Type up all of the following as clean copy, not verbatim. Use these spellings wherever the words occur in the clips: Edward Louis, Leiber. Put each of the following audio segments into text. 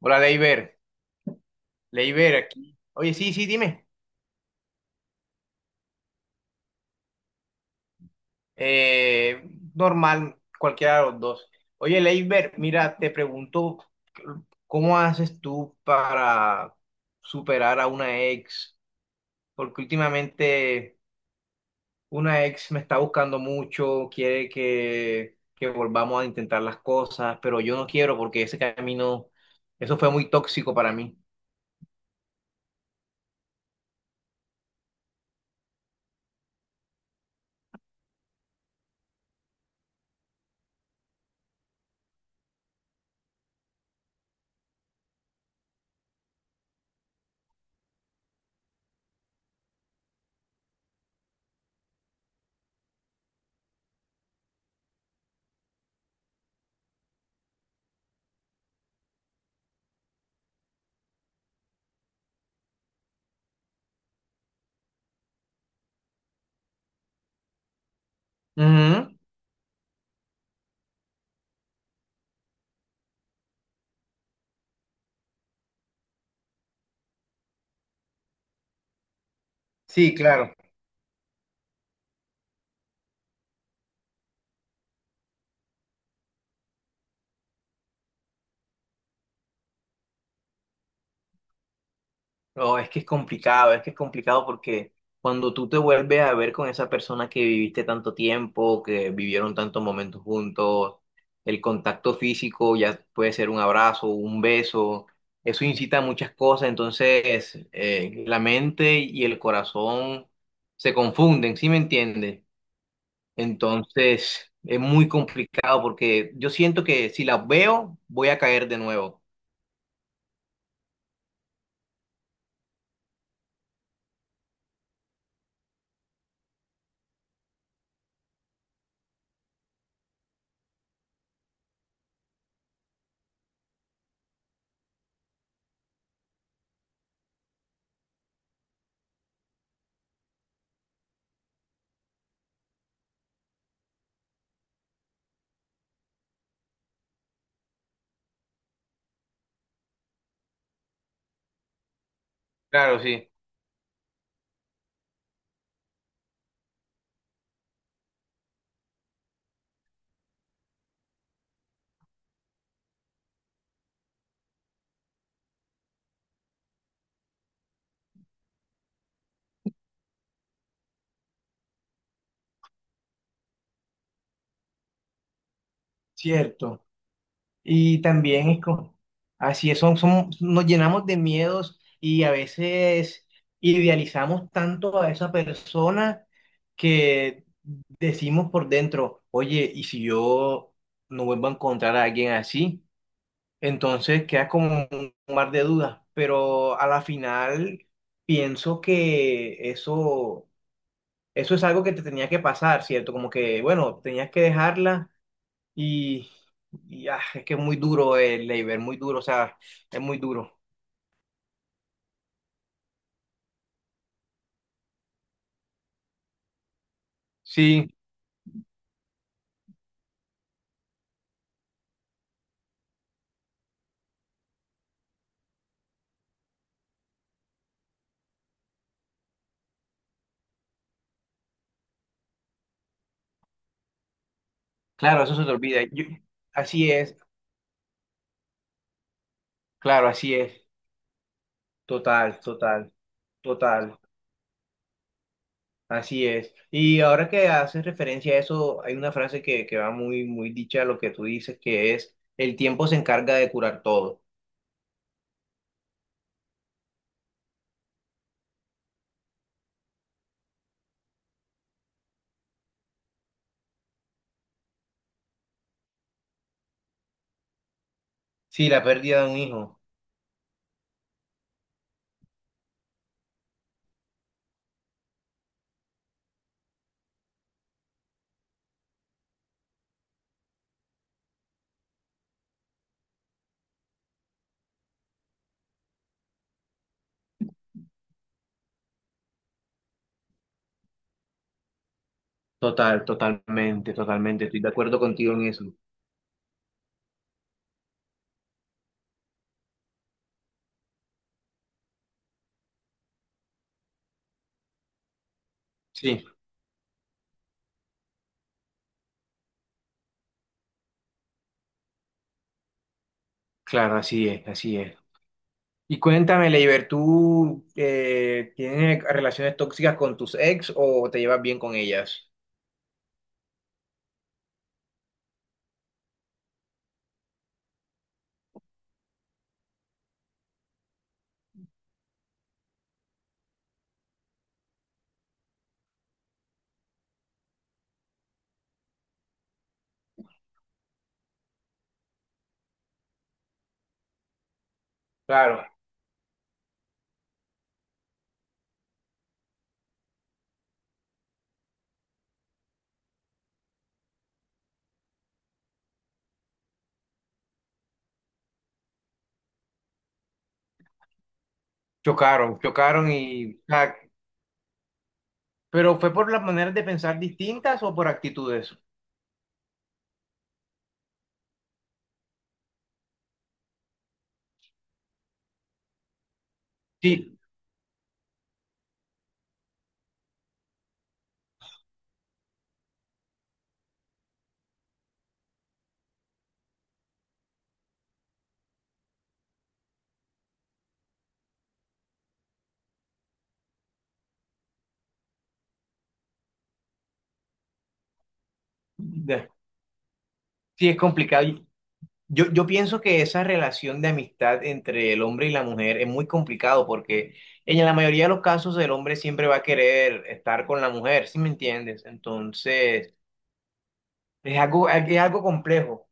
Hola, Leiber. Leiber aquí. Oye, sí, sí, dime. Eh, Normal, cualquiera de los dos. Oye, Leiber, mira, te pregunto, ¿cómo haces tú para superar a una ex? Porque últimamente una ex me está buscando mucho, quiere que volvamos a intentar las cosas, pero yo no quiero porque ese camino, eso fue muy tóxico para mí. Ujú. Sí, claro. No, es que es complicado, es que es complicado porque cuando tú te vuelves a ver con esa persona que viviste tanto tiempo, que vivieron tantos momentos juntos, el contacto físico ya puede ser un abrazo, un beso, eso incita a muchas cosas, entonces la mente y el corazón se confunden, ¿sí me entiendes? Entonces es muy complicado porque yo siento que si las veo voy a caer de nuevo. Claro, sí. Cierto. Y también es como, así es, son, son, nos llenamos de miedos y a veces idealizamos tanto a esa persona que decimos por dentro, oye, ¿y si yo no vuelvo a encontrar a alguien así? Entonces queda como un mar de dudas, pero a la final pienso que eso es algo que te tenía que pasar, ¿cierto? Como que, bueno, tenías que dejarla y, y, es que es muy duro el labor, muy duro, o sea, es muy duro. Sí, claro, eso se te olvida. Así es, claro, así es. Total, total, total, así es. Y ahora que haces referencia a eso, hay una frase que va muy, muy dicha a lo que tú dices, que es, el tiempo se encarga de curar todo. Sí, la pérdida de un hijo. Total, totalmente, totalmente. Estoy de acuerdo contigo en eso. Sí, claro, así es, así es. Y cuéntame, Leiber, ¿tú tienes relaciones tóxicas con tus ex o te llevas bien con ellas? Claro. Chocaron, chocaron y... ¿pero fue por las maneras de pensar distintas o por actitudes? Sí, de- sí es complicado. Yo pienso que esa relación de amistad entre el hombre y la mujer es muy complicado porque en la mayoría de los casos el hombre siempre va a querer estar con la mujer, ¿sí me entiendes? Entonces, es algo complejo.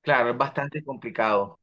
Claro, es bastante complicado.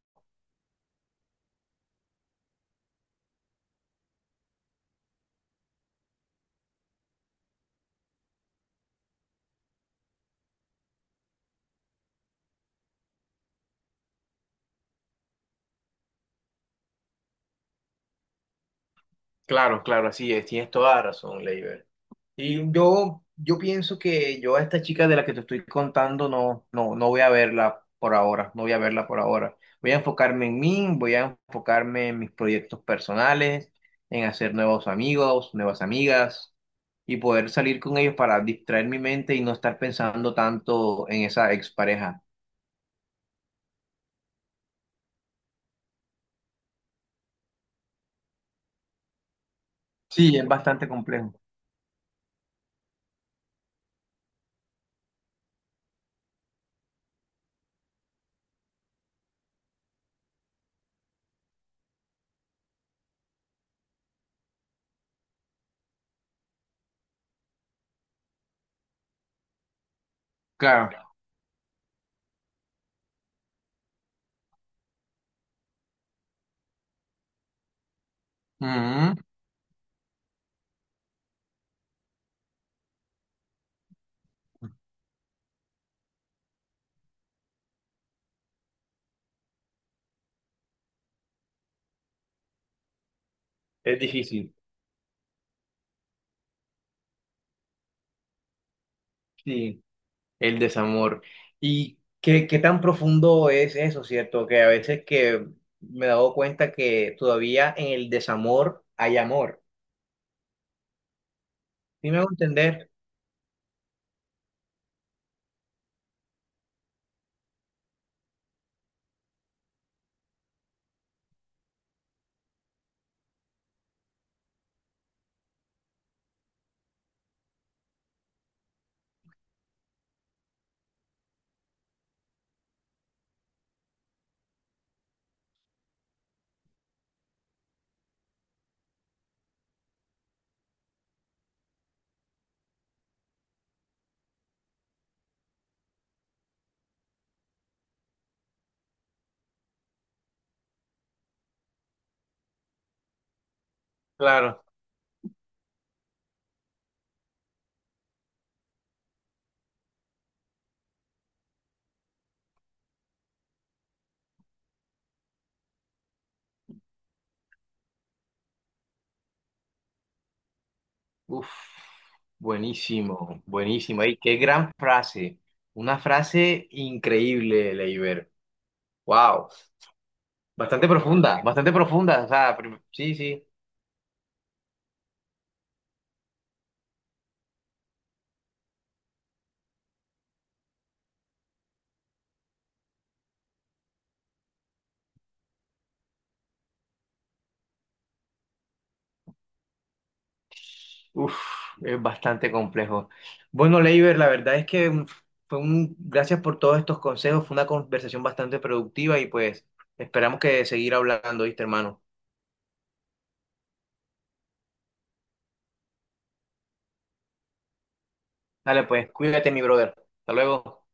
Claro, claro, así es. Tienes toda la razón, Leiber. Y yo pienso que yo a esta chica de la que te estoy contando no, no, no voy a verla por ahora. No voy a verla por ahora. Voy a enfocarme en mí, voy a enfocarme en mis proyectos personales, en hacer nuevos amigos, nuevas amigas y poder salir con ellos para distraer mi mente y no estar pensando tanto en esa expareja. Sí, es bastante complejo. Claro. Ujú. Es difícil. Sí. El desamor. ¿Y qué, qué tan profundo es eso, cierto? Que a veces que me he dado cuenta que todavía en el desamor hay amor. ¿Sí me hago entender? Claro. Uf, buenísimo, buenísimo. Y qué gran frase. Una frase increíble, Leiber. Wow. Bastante profunda, bastante profunda. O sea, sí, sí. Uf, es bastante complejo. Bueno, Leiber, la verdad es que gracias por todos estos consejos, fue una conversación bastante productiva y pues esperamos que seguir hablando, ¿viste, hermano? Dale, pues, cuídate, mi brother. Hasta luego.